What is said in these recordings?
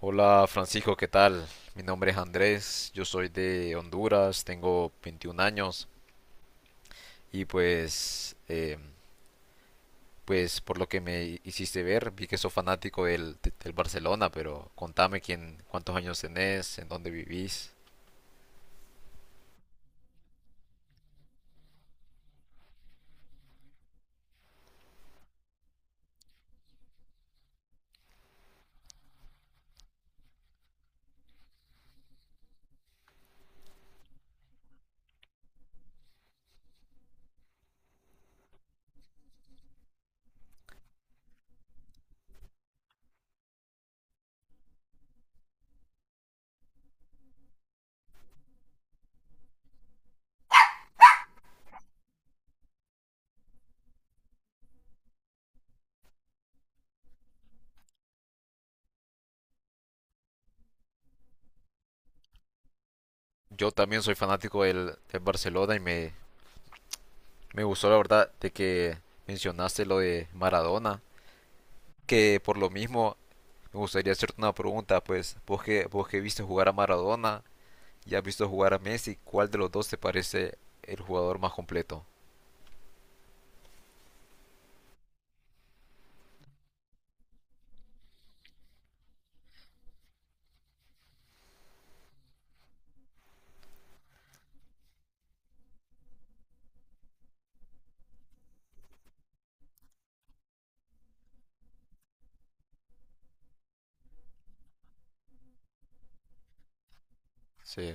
Hola Francisco, ¿qué tal? Mi nombre es Andrés, yo soy de Honduras, tengo 21 años y pues por lo que me hiciste ver, vi que sos fanático del Barcelona, pero contame quién, cuántos años tenés, en dónde vivís. Yo también soy fanático del Barcelona y me gustó la verdad de que mencionaste lo de Maradona, que por lo mismo me gustaría hacerte una pregunta, pues vos que, viste jugar a Maradona, y has visto jugar a Messi, ¿cuál de los dos te parece el jugador más completo? Sí,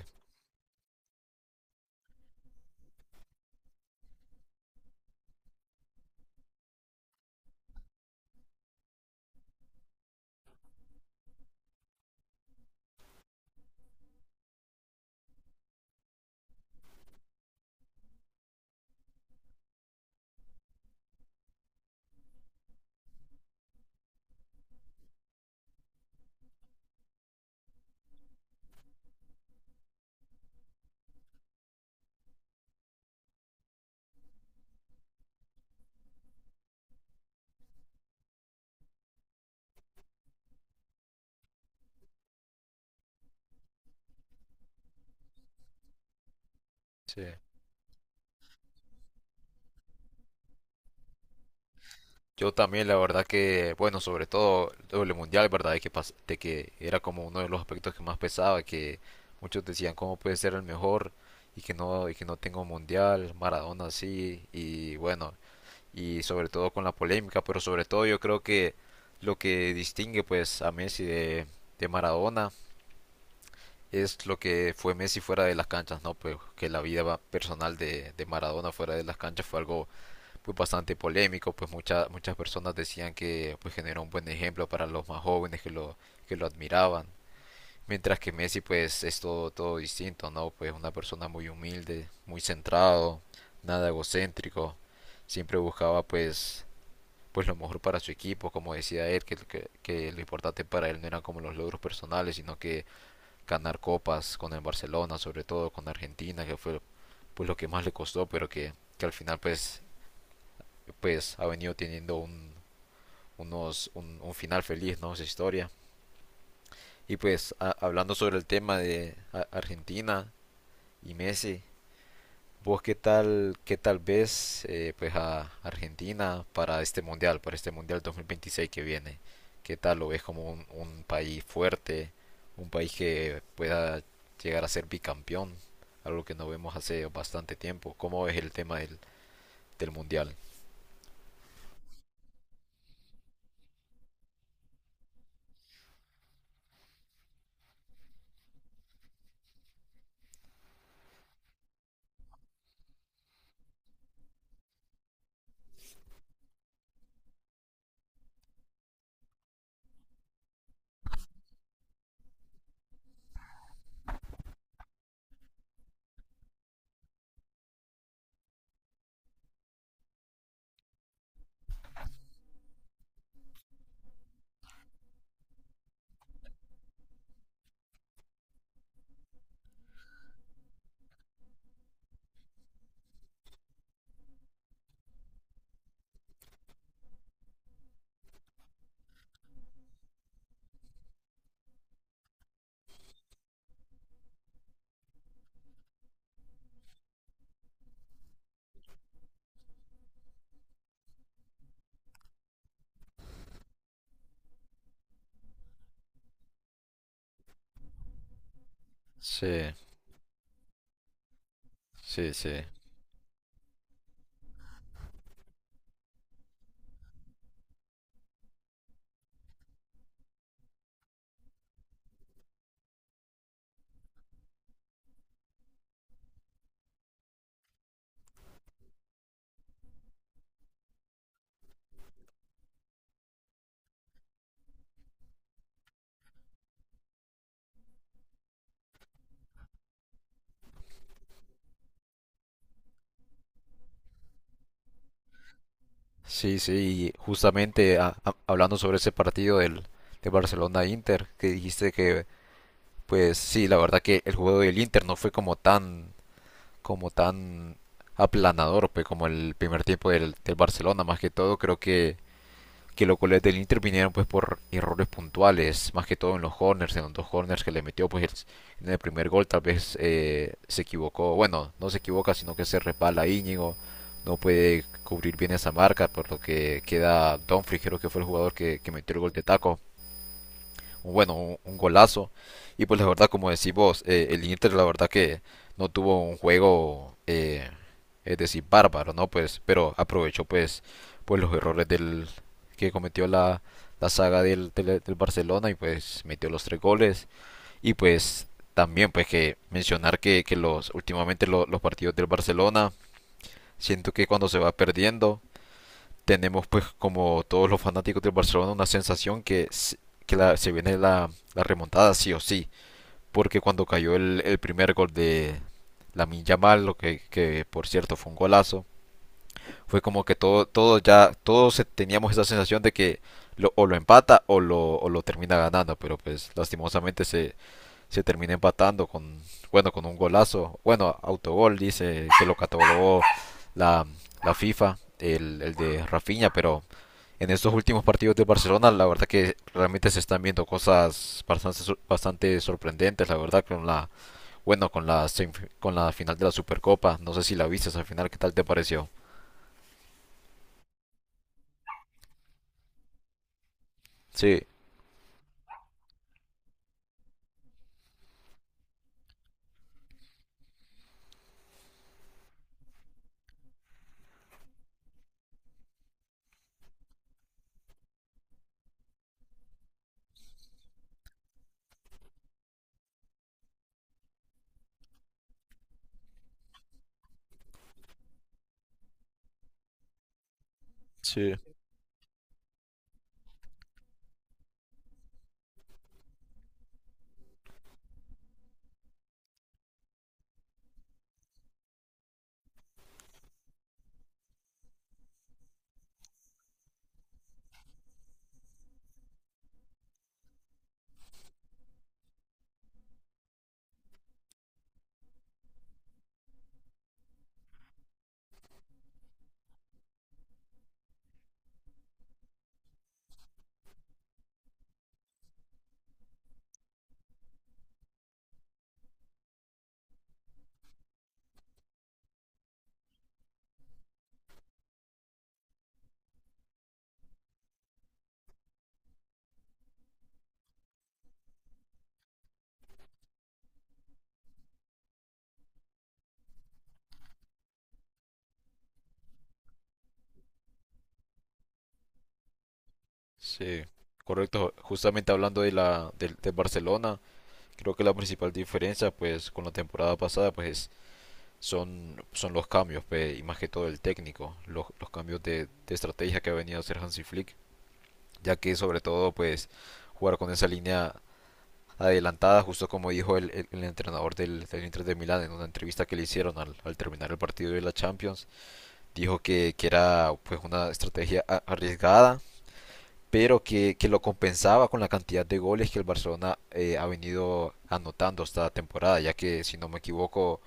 sí. Yo también, la verdad que, bueno, sobre todo el mundial, ¿verdad? De que era como uno de los aspectos que más pesaba, que muchos decían cómo puede ser el mejor y que no, tengo mundial, Maradona sí, y bueno, y sobre todo con la polémica, pero sobre todo yo creo que lo que distingue pues a Messi de, Maradona es lo que fue Messi fuera de las canchas, ¿no? Pues que la vida personal de Maradona fuera de las canchas fue algo pues, bastante polémico, pues muchas personas decían que pues, generó un buen ejemplo para los más jóvenes que lo admiraban. Mientras que Messi pues es todo, todo distinto, ¿no? Pues una persona muy humilde, muy centrado, nada egocéntrico, siempre buscaba pues lo mejor para su equipo, como decía él, que lo importante para él no eran como los logros personales, sino que ganar copas con el Barcelona, sobre todo con Argentina, que fue pues lo que más le costó, pero que al final pues ha venido teniendo un final feliz, ¿no? Esa historia. Y pues hablando sobre el tema de Argentina y Messi, ¿vos qué tal, ves pues a Argentina para este mundial 2026 que viene? ¿Qué tal lo ves como un país fuerte, un país que pueda llegar a ser bicampeón? Algo que no vemos hace bastante tiempo. ¿Cómo ves el tema del mundial? Sí, sí, sí. Sí, sí, y justamente hablando sobre ese partido de Barcelona-Inter, que dijiste que, pues sí, la verdad que el juego del Inter no fue como tan aplanador, pues, como el primer tiempo del Barcelona, más que todo creo que los goles del Inter vinieron pues por errores puntuales, más que todo en los corners, en los dos corners que le metió pues en el primer gol tal vez se equivocó, bueno, no se equivoca sino que se resbala Íñigo, no puede cubrir bien esa marca, por lo que queda Dumfries creo que fue el jugador que metió el gol de taco, bueno, un golazo. Y pues la verdad, como decís vos, el Inter la verdad que no tuvo un juego, es decir, bárbaro, ¿no? Pues, pero aprovechó pues los errores que cometió la saga del Barcelona y pues metió los tres goles. Y pues también pues que mencionar que los últimamente los partidos del Barcelona, siento que cuando se va perdiendo, tenemos pues como todos los fanáticos del Barcelona una sensación que se viene la remontada sí o sí, porque cuando cayó el, primer gol de Lamine Yamal, lo que por cierto fue un golazo, fue como que todo, todo ya, todos teníamos esa sensación de que o lo empata o lo termina ganando, pero pues lastimosamente se termina empatando con, bueno, con un golazo, bueno, autogol dice que lo catalogó la, la FIFA, el de Rafinha, pero en estos últimos partidos de Barcelona, la verdad que realmente se están viendo cosas bastante, bastante sorprendentes, la verdad, bueno, con la final de la Supercopa. No sé si la viste esa final, ¿qué tal te pareció? Sí, sí, sí, correcto. Justamente hablando de Barcelona, creo que la principal diferencia, pues, con la temporada pasada, pues, son los cambios, pues, y más que todo el técnico, los cambios de estrategia que ha venido a hacer Hansi Flick, ya que sobre todo, pues, jugar con esa línea adelantada, justo como dijo el entrenador del Inter de Milán en una entrevista que le hicieron al terminar el partido de la Champions. Dijo que, era pues una estrategia arriesgada, pero que lo compensaba con la cantidad de goles que el Barcelona ha venido anotando esta temporada, ya que si no me equivoco,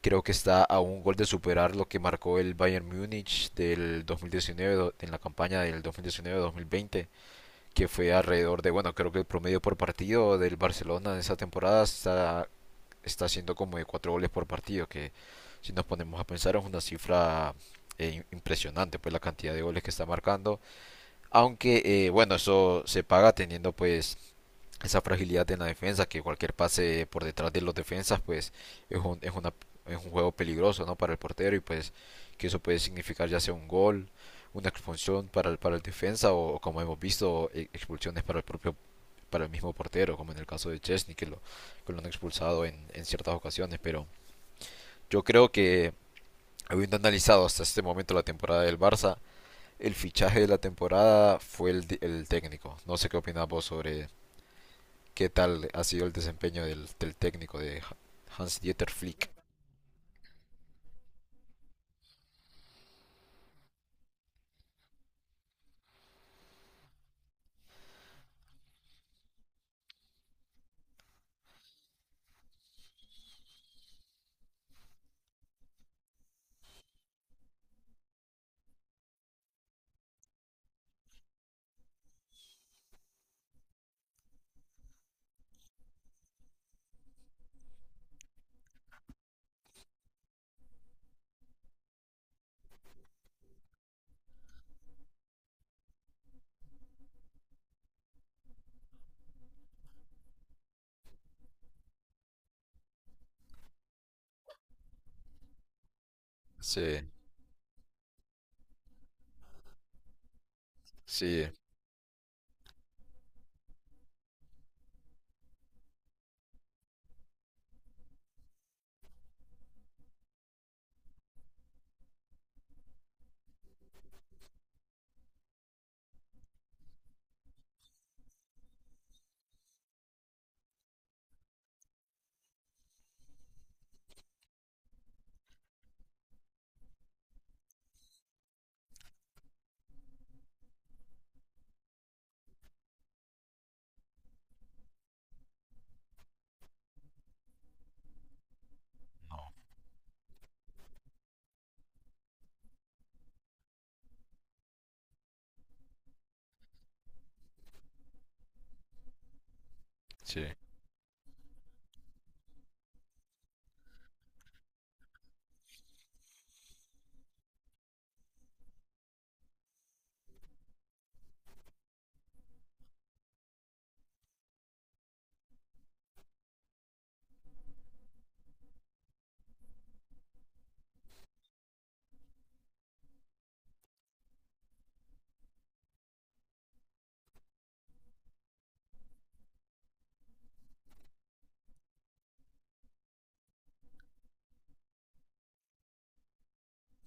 creo que está a un gol de superar lo que marcó el Bayern Múnich del 2019 en la campaña del 2019-2020 que fue alrededor de, bueno, creo que el promedio por partido del Barcelona en esa temporada está, siendo como de 4 goles por partido, que si nos ponemos a pensar es una cifra impresionante, pues la cantidad de goles que está marcando. Aunque, bueno, eso se paga teniendo pues esa fragilidad en la defensa, que cualquier pase por detrás de los defensas, pues es un, es una, es un juego peligroso, ¿no? Para el portero y pues que eso puede significar ya sea un gol, una expulsión para el defensa o como hemos visto expulsiones para el mismo portero, como en el caso de Chesney, que lo han expulsado en ciertas ocasiones, pero yo creo que habiendo analizado hasta este momento la temporada del Barça, el fichaje de la temporada fue el técnico. No sé qué opinas vos sobre, qué tal ha sido el desempeño del técnico de Hans-Dieter Flick. Sí, sí, no, sí,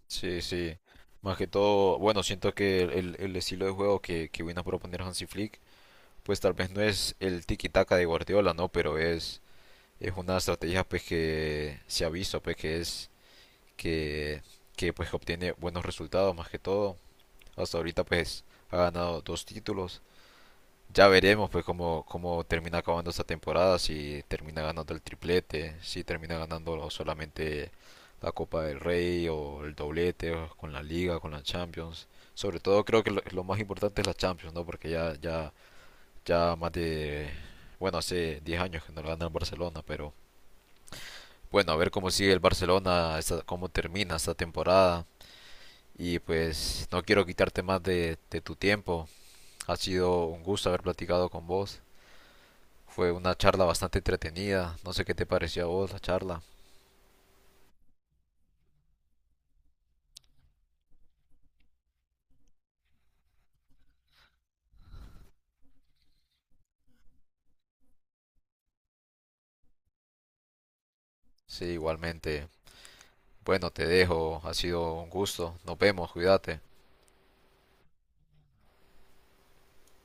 sí, sí. Más que todo, bueno, siento que el estilo de juego que vino a proponer Hansi Flick, pues tal vez no es el tiki-taka de Guardiola, ¿no? Pero es una estrategia pues que se ha visto, pues que, que pues obtiene buenos resultados más que todo. Hasta ahorita pues ha ganado dos títulos. Ya veremos pues cómo termina acabando esta temporada, si termina ganando el triplete, si termina ganando solamente la Copa del Rey o el doblete o con la Liga, con la Champions. Sobre todo creo que lo, más importante es la Champions, ¿no? Porque ya, ya, ya más de, bueno, hace 10 años que no la gana el Barcelona, pero bueno, a ver cómo sigue el Barcelona, cómo termina esta temporada. Y pues no quiero quitarte más de tu tiempo. Ha sido un gusto haber platicado con vos. Fue una charla bastante entretenida. No sé qué te pareció a vos la charla. Sí, igualmente. Bueno, te dejo. Ha sido un gusto. Nos vemos. Cuídate.